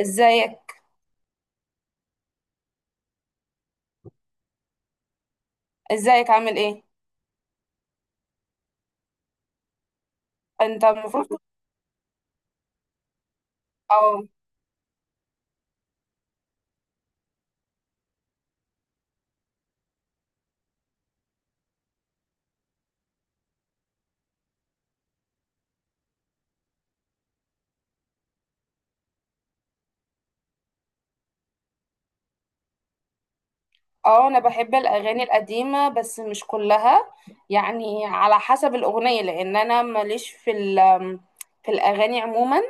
ازيك؟ عامل ايه؟ انت المفروض... اه. اه، انا بحب الاغاني القديمه بس مش كلها، يعني على حسب الاغنيه، لان انا ماليش في في الاغاني عموما،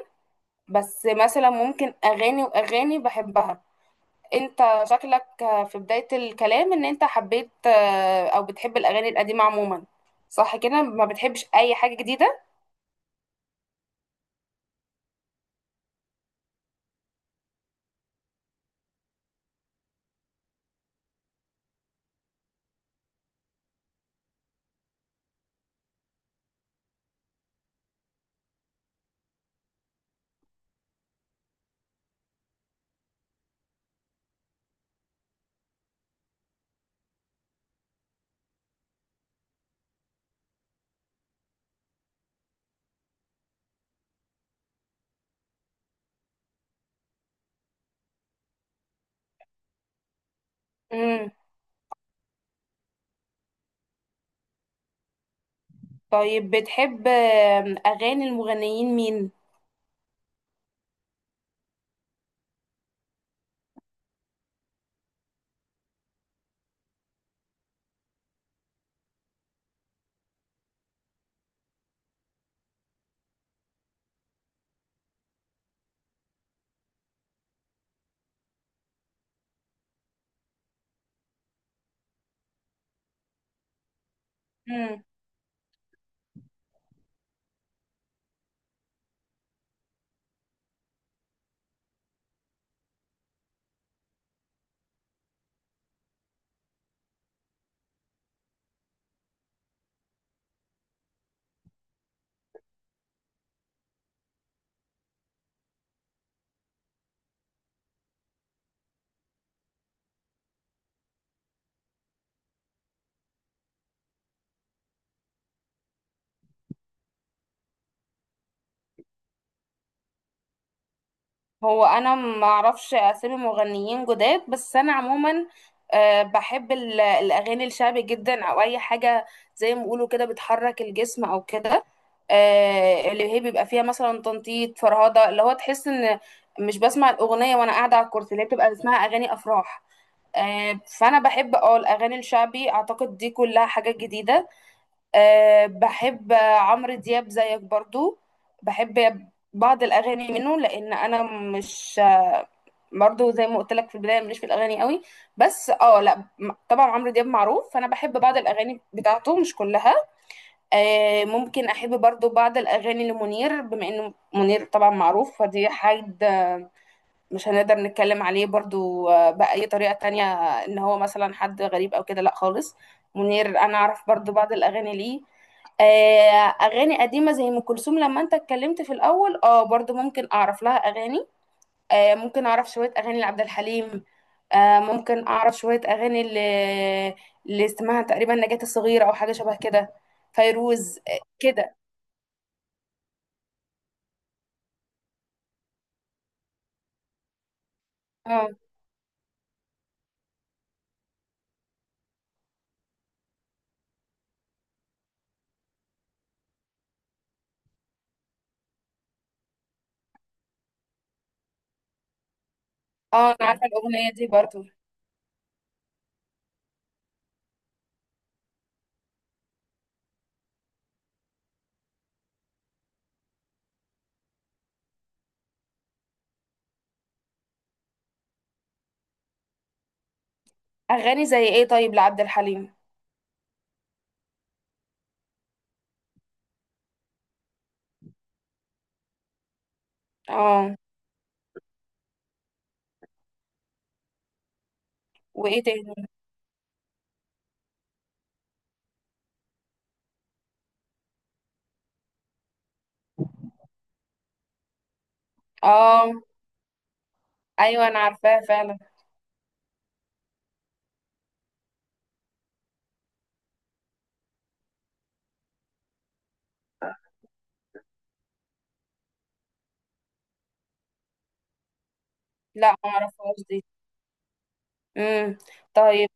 بس مثلا ممكن اغاني واغاني بحبها. انت شكلك في بدايه الكلام ان انت حبيت، او بتحب الاغاني القديمه عموما، صح كده؟ ما بتحبش اي حاجه جديده؟ امم. طيب بتحب اغاني المغنيين مين؟ هو انا ما اعرفش اسامي مغنيين جداد، بس انا عموما بحب الاغاني الشعبي جدا، او اي حاجه زي ما بيقولوا كده بتحرك الجسم او كده. اللي هي بيبقى فيها مثلا تنطيط فرهده، اللي هو تحس ان مش بسمع الاغنيه وانا قاعده على الكرسي، اللي هي بتبقى اسمها اغاني افراح. فانا بحب اه الاغاني الشعبي، اعتقد دي كلها حاجات جديده. أه بحب عمرو دياب زيك برضو. بحب بعض الاغاني منه، لان انا مش برضو زي ما قلت لك في البدايه ماليش في الاغاني قوي، بس اه لا طبعا عمرو دياب معروف، فانا بحب بعض الاغاني بتاعته مش كلها. أه ممكن احب برضو بعض الاغاني لمنير، بما انه منير طبعا معروف، فدي حاجه مش هنقدر نتكلم عليه برضو بأي طريقة تانية. ان هو مثلا حد غريب او كده، لا خالص. منير انا اعرف برضو بعض الاغاني ليه. اغاني قديمة زي ام كلثوم، لما انت اتكلمت في الاول اه، برضو ممكن اعرف لها اغاني. ممكن اعرف شوية اغاني لعبد الحليم. ممكن اعرف شوية اغاني اللي اسمها تقريبا نجاة الصغيرة، او حاجة شبه كده. فيروز، كده. اه. اه انا عارفة الاغنية دي برضو. اغاني زي ايه طيب لعبد الحليم؟ اه. وايه تاني؟ اه. ايوه انا عارفاها فعلا. لا ما اعرفهاش دي. امم. طيب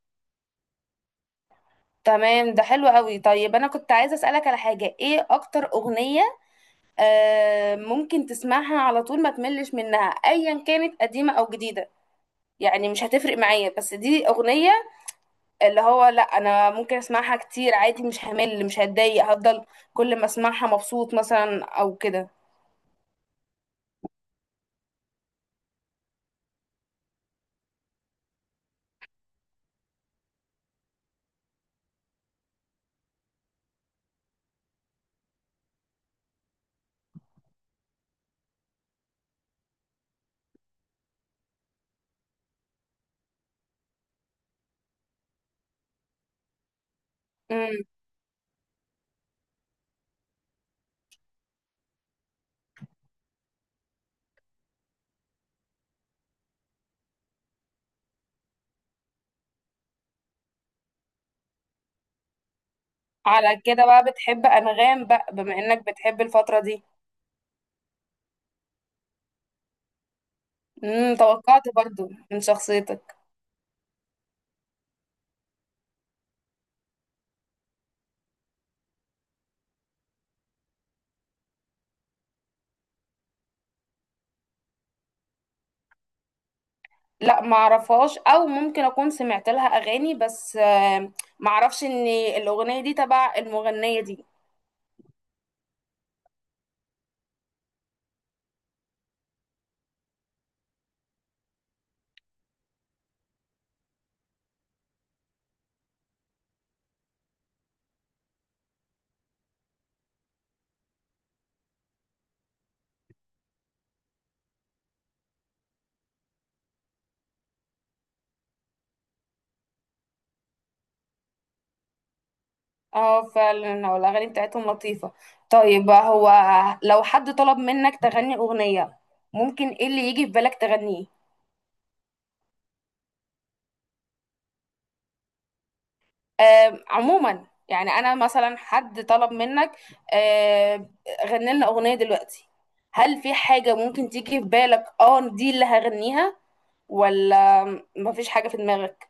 تمام، ده حلو قوي. طيب انا كنت عايزه اسالك على حاجه، ايه اكتر اغنيه ممكن تسمعها على طول ما تملش منها، ايا كانت قديمه او جديده؟ يعني مش هتفرق معايا، بس دي اغنيه اللي هو لا انا ممكن اسمعها كتير عادي، مش همل مش هتضايق، هفضل كل ما اسمعها مبسوط مثلا او كده. امم. على كده بقى بتحب انغام بقى، بما انك بتحب الفتره دي. امم، توقعت برضو من شخصيتك. لا ما اعرفهاش، او ممكن اكون سمعت لها اغاني، بس ما اعرفش ان الاغنيه دي تبع المغنيه دي. اه فعلا، هو الاغاني بتاعتهم لطيفه. طيب، هو لو حد طلب منك تغني اغنيه، ممكن ايه اللي يجي في بالك تغنيه؟ عموما يعني انا مثلا حد طلب منك آه، غني لنا اغنيه دلوقتي، هل في حاجه ممكن تيجي في بالك اه دي اللي هغنيها؟ ولا مفيش حاجه في دماغك؟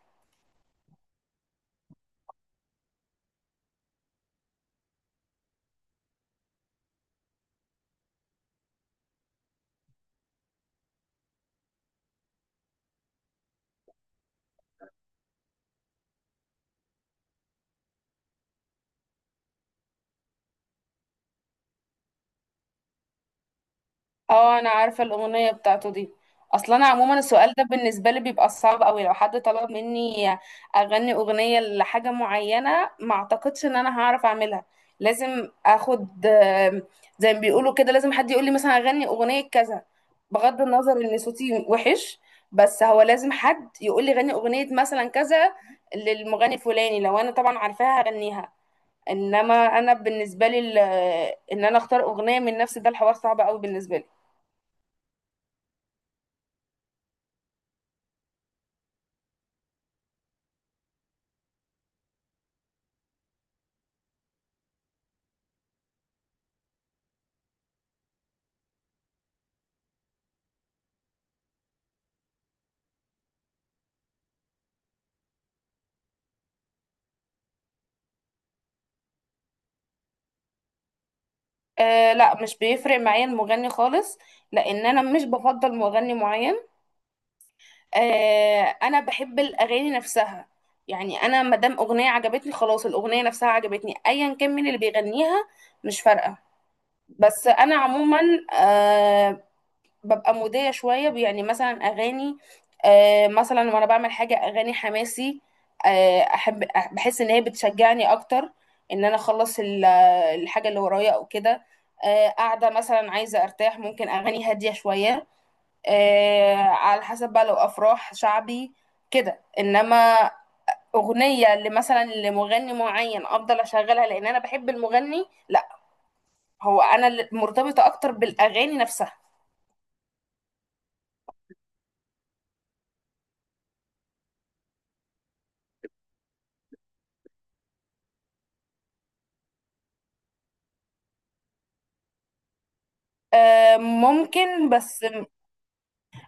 اه انا عارفه الاغنيه بتاعته دي. اصلا انا عموما السؤال ده بالنسبه لي بيبقى صعب قوي. لو حد طلب مني اغني اغنيه لحاجه معينه، ما اعتقدش ان انا هعرف اعملها. لازم اخد زي ما بيقولوا كده، لازم حد يقول لي مثلا اغني اغنيه كذا، بغض النظر ان صوتي وحش، بس هو لازم حد يقول لي غني اغنيه مثلا كذا للمغني فلاني، لو انا طبعا عارفاها هغنيها. انما انا بالنسبه لي ان انا اختار اغنيه من نفسي، ده الحوار صعب قوي بالنسبه لي. آه لا، مش بيفرق معايا المغني خالص، لان انا مش بفضل مغني معين. آه انا بحب الاغاني نفسها. يعني انا ما دام اغنيه عجبتني خلاص، الاغنيه نفسها عجبتني ايا كان مين اللي بيغنيها، مش فارقه. بس انا عموما آه، ببقى مودية شوية، يعني مثلا أغاني مثلا وأنا بعمل حاجة أغاني حماسي. أحب بحس إن هي بتشجعني أكتر إن أنا أخلص الحاجة اللي ورايا أو كده. قاعدة مثلا عايزة أرتاح، ممكن أغاني هادية شوية. على حسب بقى، لو أفراح شعبي كده. إنما أغنية لمثلا لمغني معين أفضل أشغلها لأن أنا بحب المغني، لا. هو أنا اللي مرتبطة أكتر بالأغاني نفسها. ممكن بس.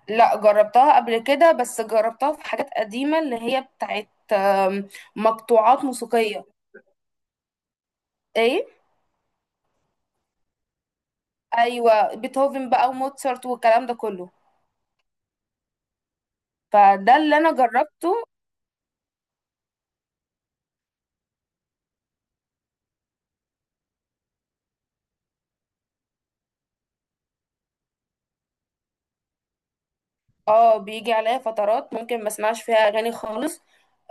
لا جربتها قبل كده، بس جربتها في حاجات قديمة اللي هي بتاعت أم، مقطوعات موسيقية. ايه؟ ايوه بيتهوفن بقى وموتسارت والكلام ده كله. فده اللي انا جربته. اه بيجي عليا فترات ممكن ما اسمعش فيها اغاني خالص،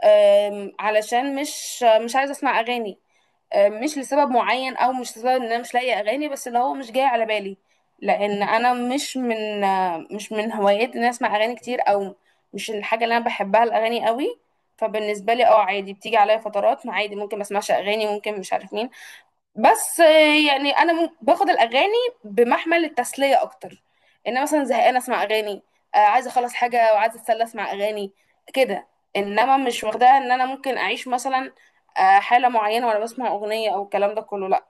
علشان مش عايزة اسمع اغاني. مش لسبب معين، او مش لسبب ان انا مش لاقيه اغاني، بس اللي هو مش جاي على بالي. لان انا مش من مش من هوايات ان أنا اسمع اغاني كتير، او مش الحاجه اللي انا بحبها الاغاني قوي. فبالنسبه لي اه عادي، بتيجي عليا فترات ما عادي ممكن ما اسمعش اغاني، ممكن مش عارف مين. بس يعني انا باخد الاغاني بمحمل التسليه اكتر، ان مثلا زهقانه اسمع اغاني، عايزه اخلص حاجه وعايزه اتسلى اسمع اغاني كده. انما مش واخداها ان انا ممكن اعيش مثلا حاله معينه وانا بسمع اغنيه او الكلام ده كله، لا.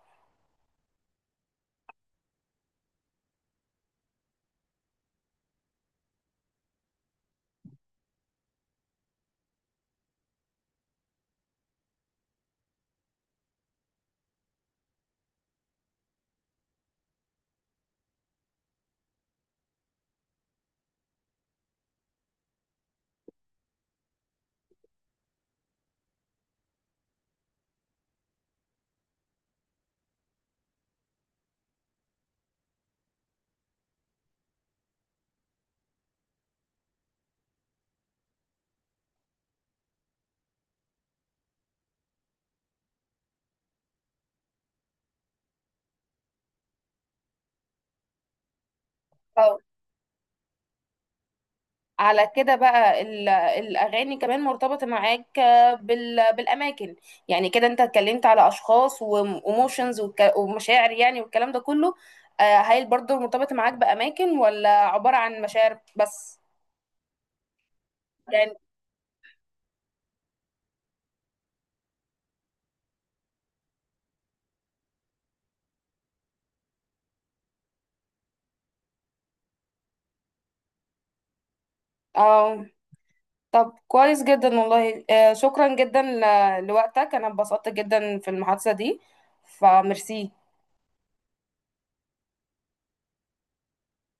على كده بقى الأغاني كمان مرتبطة معاك بالأماكن. يعني كده أنت اتكلمت على أشخاص وإيموشنز ومشاعر يعني والكلام ده كله. هل برضه مرتبطة معاك بأماكن، ولا عبارة عن مشاعر بس؟ يعني اه. طب كويس جدا والله، شكرا جدا لوقتك. أنا اتبسطت جدا في المحادثة دي، فميرسي.